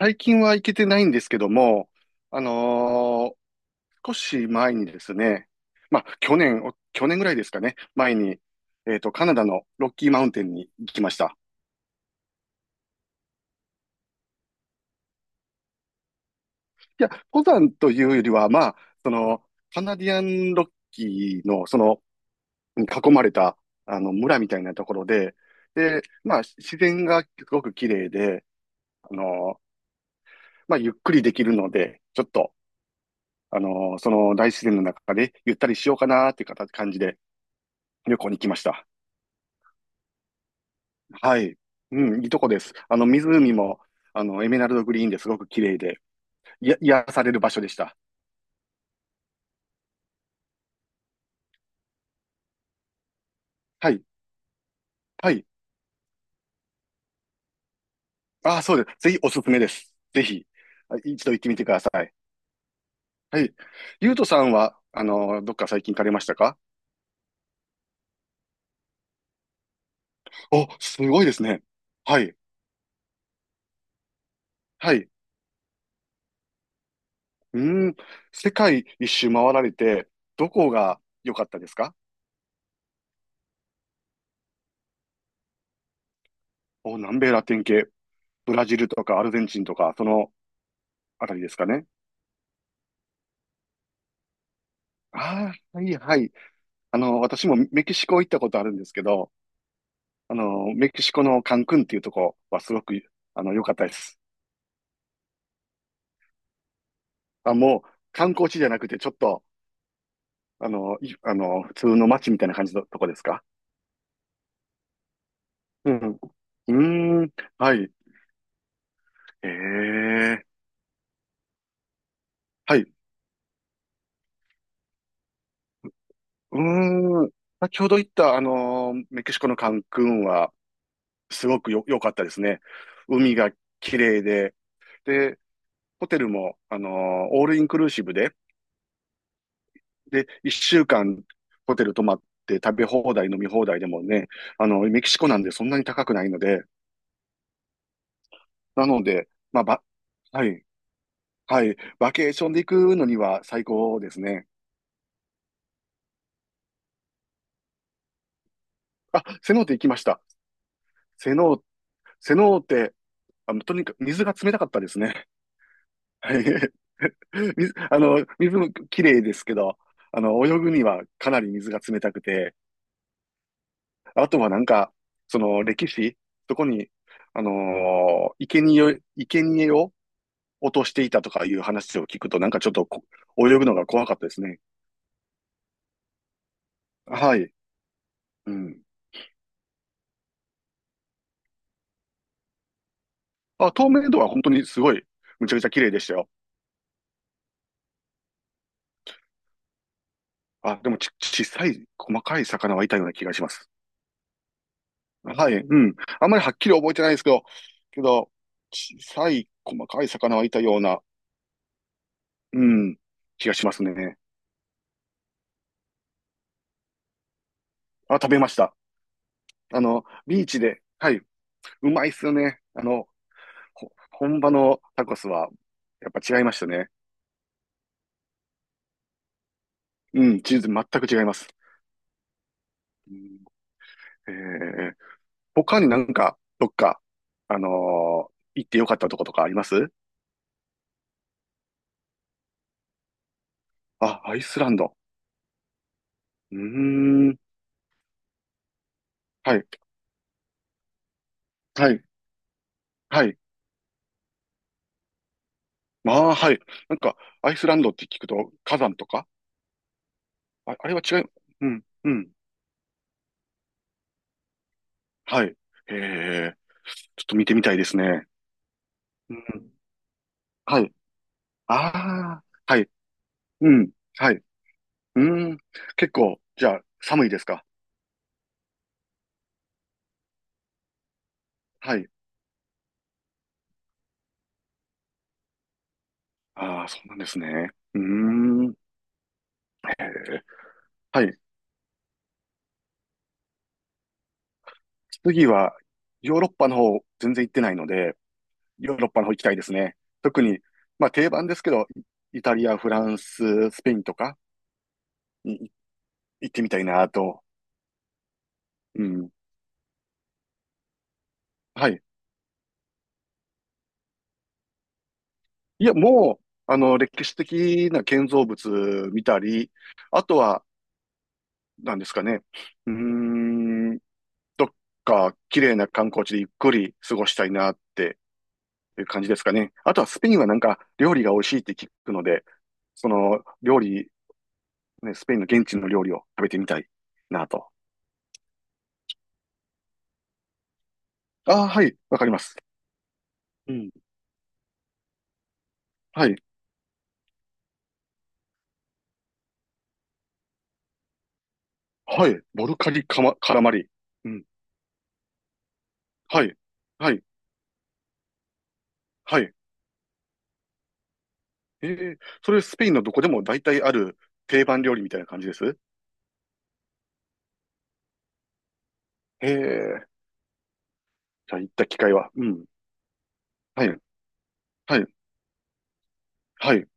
最近は行けてないんですけども、あのー少し前にですね、まあ、去年、お去年ぐらいですかね、前に、カナダのロッキーマウンテンに行きました。いや、登山というよりは、まあ、その、カナディアンロッキーの、その、囲まれた、村みたいなところで、で、まあ、自然がすごく綺麗で、あのーまあ、ゆっくりできるので、ちょっと、その大自然の中でゆったりしようかなっていう形感じで、旅行に来ました。はい。うん、いいとこです。あの、湖も、あの、エメラルドグリーンですごく綺麗で、や、癒される場所でした。はい。はい。ああ、そうです。ぜひおすすめです。ぜひ、あ一度行ってみてください。はい。ゆうとさんは、あの、どっか最近行かれましたか？お、すごいですね。はい。はい。うーん。世界一周回られて、どこが良かったですか？お、南米ラテン系。ブラジルとかアルゼンチンとか、そのあたりですかね。ああ、はい、はい。あの、私もメキシコ行ったことあるんですけど、あの、メキシコのカンクンっていうとこはすごく、あの、良かったです。あ、もう、観光地じゃなくて、ちょっと、あの、普通の街みたいな感じのとこですか？うん。うーん、はい。ええ、はい。うーん、先ほど言った、メキシコのカンクンは、すごくよ、良かったですね。海が綺麗で、で、ホテルも、オールインクルーシブで、で、一週間ホテル泊まって食べ放題、飲み放題でもね、あの、メキシコなんでそんなに高くないので、なので、まあ、ば、はい、はい、バケーションで行くのには最高ですね。あ、セノーテ行きました。セノー、セノーテ、あの、とにかく水が冷たかったですね。はい。水、あの、水も綺麗ですけど、あの、泳ぐにはかなり水が冷たくて、あとはなんか、その歴史、そこに、生贄を落としていたとかいう話を聞くと、なんかちょっと泳ぐのが怖かったですね。はい。うん。あ、透明度は本当にすごい、むちゃくちゃ綺麗でしたよ。あ、でも、小さい、細かい魚はいたような気がします。はい。うん。あんまりはっきり覚えてないですけど、けど、小さい、細かい魚はいたような、うん、気がしますね。あ、食べました。あの、ビーチで、はい。うまいっすよね。あの、本場のタコスは、やっぱ違いましたね。うん、チーズ全く違います。うん、えー、他になんか、どっか、あのー行ってよかったとことかあります？あ、アイスランド。うーん。はい。はい。はい。まあ、はい。なんか、アイスランドって聞くと、火山とか。あ、あれは違い、うん、うん。はい。へえ。ちょっと見てみたいですね。うん。はい。ああ、はい。うん。はい。うん。結構、じゃあ、寒いですか？はい。ああ、そうなんですね。うーん。えー、はい。次はヨーロッパの方全然行ってないので、ヨーロッパの方行きたいですね。特に、まあ定番ですけど、イタリア、フランス、スペインとかに、い、行ってみたいなと。うん。はい。いや、もう、あの、歴史的な建造物見たり、あとは、何ですかね。うーん、どっか綺麗な観光地でゆっくり過ごしたいなっていう感じですかね。あとはスペインはなんか料理が美味しいって聞くので、その料理ね、スペインの現地の料理を食べてみたいなと。ああ、はい、わかります。うん。はい、はい、ボルカリカマ、カラマリ。うん、はい、はい、はい。ええ、それスペインのどこでも大体ある定番料理みたいな感じです？ええ、じゃあ行った機会は。うん、はい、はい、はい。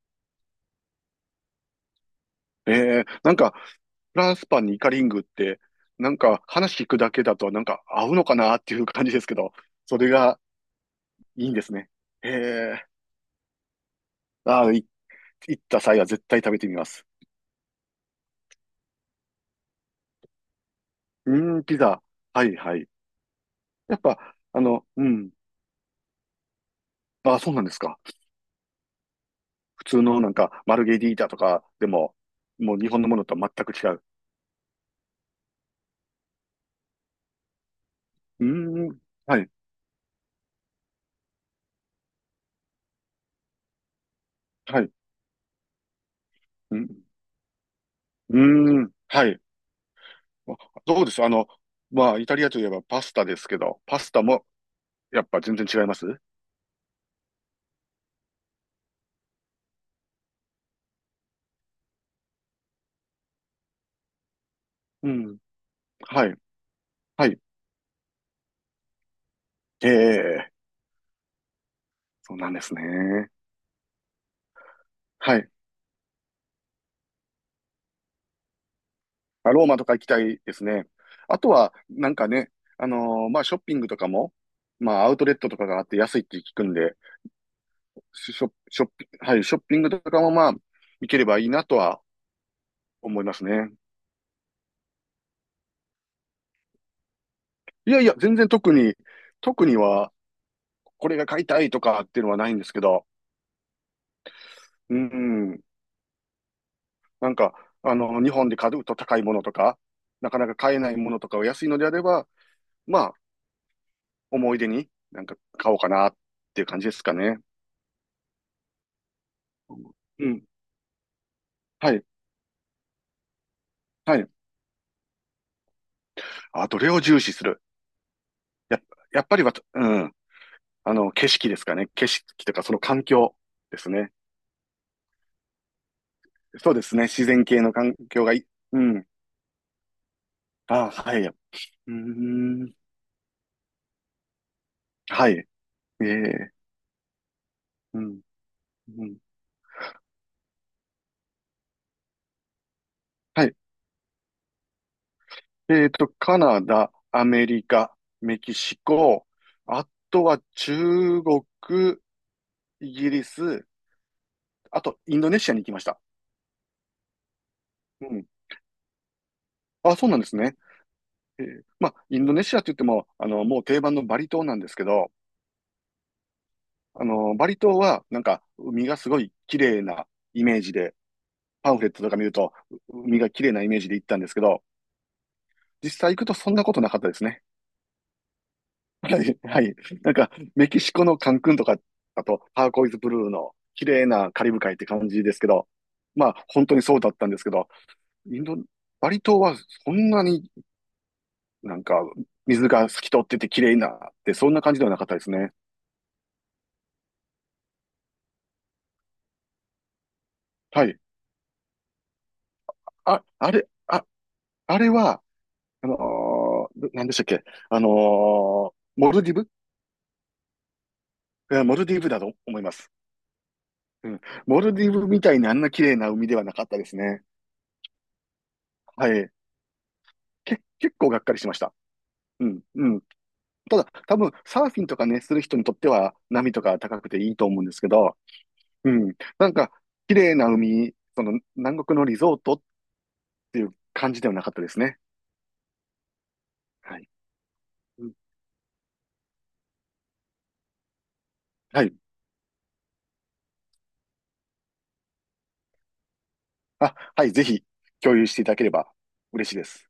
ええ、なんか、フランスパンにイカリングって、なんか話聞くだけだとなんか合うのかなっていう感じですけど、それがいいんですね。ええ、ああ、い、行った際は絶対食べてみます。うん、ピザ。はいはい。やっぱ、あの、うん。あ、そうなんですか。普通のなんか、マルゲリータとかでも、もう日本のものとは全く違う。うん、はい、はい。うん、うん、はい。あ、どうです、あの、まあ、イタリアといえばパスタですけど、パスタもやっぱ全然違います？うん、はい、はい。ええ、そうなんですね。はい。あ、ローマとか行きたいですね。あとは、なんかね、まあ、ショッピングとかも、まあ、アウトレットとかがあって安いって聞くんで、ショ、ショッピ、はい、ショッピングとかもまあ、行ければいいなとは思いますね。いやいや、全然特に、特には、これが買いたいとかっていうのはないんですけど、うん、なんか、あの、日本で買うと高いものとか、なかなか買えないものとかを安いのであれば、まあ、思い出になんか買おうかなっていう感じですかね。うん。はい。はい、あ、どれを重視する？やっ、やっぱりは、うん。あの、景色ですかね。景色とか、その環境ですね。そうですね。自然系の環境がいい。うん。あ、はい。うーん。はい。ええ、うん。うん。はい。えっと、カナダ、アメリカ、メキシコ、あとは中国、イギリス、あとインドネシアに行きました。うん。あ、そうなんですね。えー、まあ、インドネシアって言っても、あの、もう定番のバリ島なんですけど、あの、バリ島は、なんか、海がすごい綺麗なイメージで、パンフレットとか見ると、う、海が綺麗なイメージで行ったんですけど、実際行くとそんなことなかったですね。はい、はい。なんか、メキシコのカンクンとか、あと、ターコイズブルーの綺麗なカリブ海って感じですけど、まあ、本当にそうだったんですけど、インド、バリ島はそんなになんか、水が透き通ってて綺麗なって、そんな感じではなかったですね。はい。あ、あれ、あ、あれは、あのどなんでしたっけ？モルディブ、えー、モルディブだと思います。うん。モルディブみたいにあんな綺麗な海ではなかったですね。はい。け、結構がっかりしました。うん、うん。ただ、多分、サーフィンとかね、する人にとっては、波とか高くていいと思うんですけど、うん。なんか、綺麗な海、その、南国のリゾートっていう感じではなかったですね。はい。うん、はい。あ、はい、ぜひ、共有していただければ嬉しいです。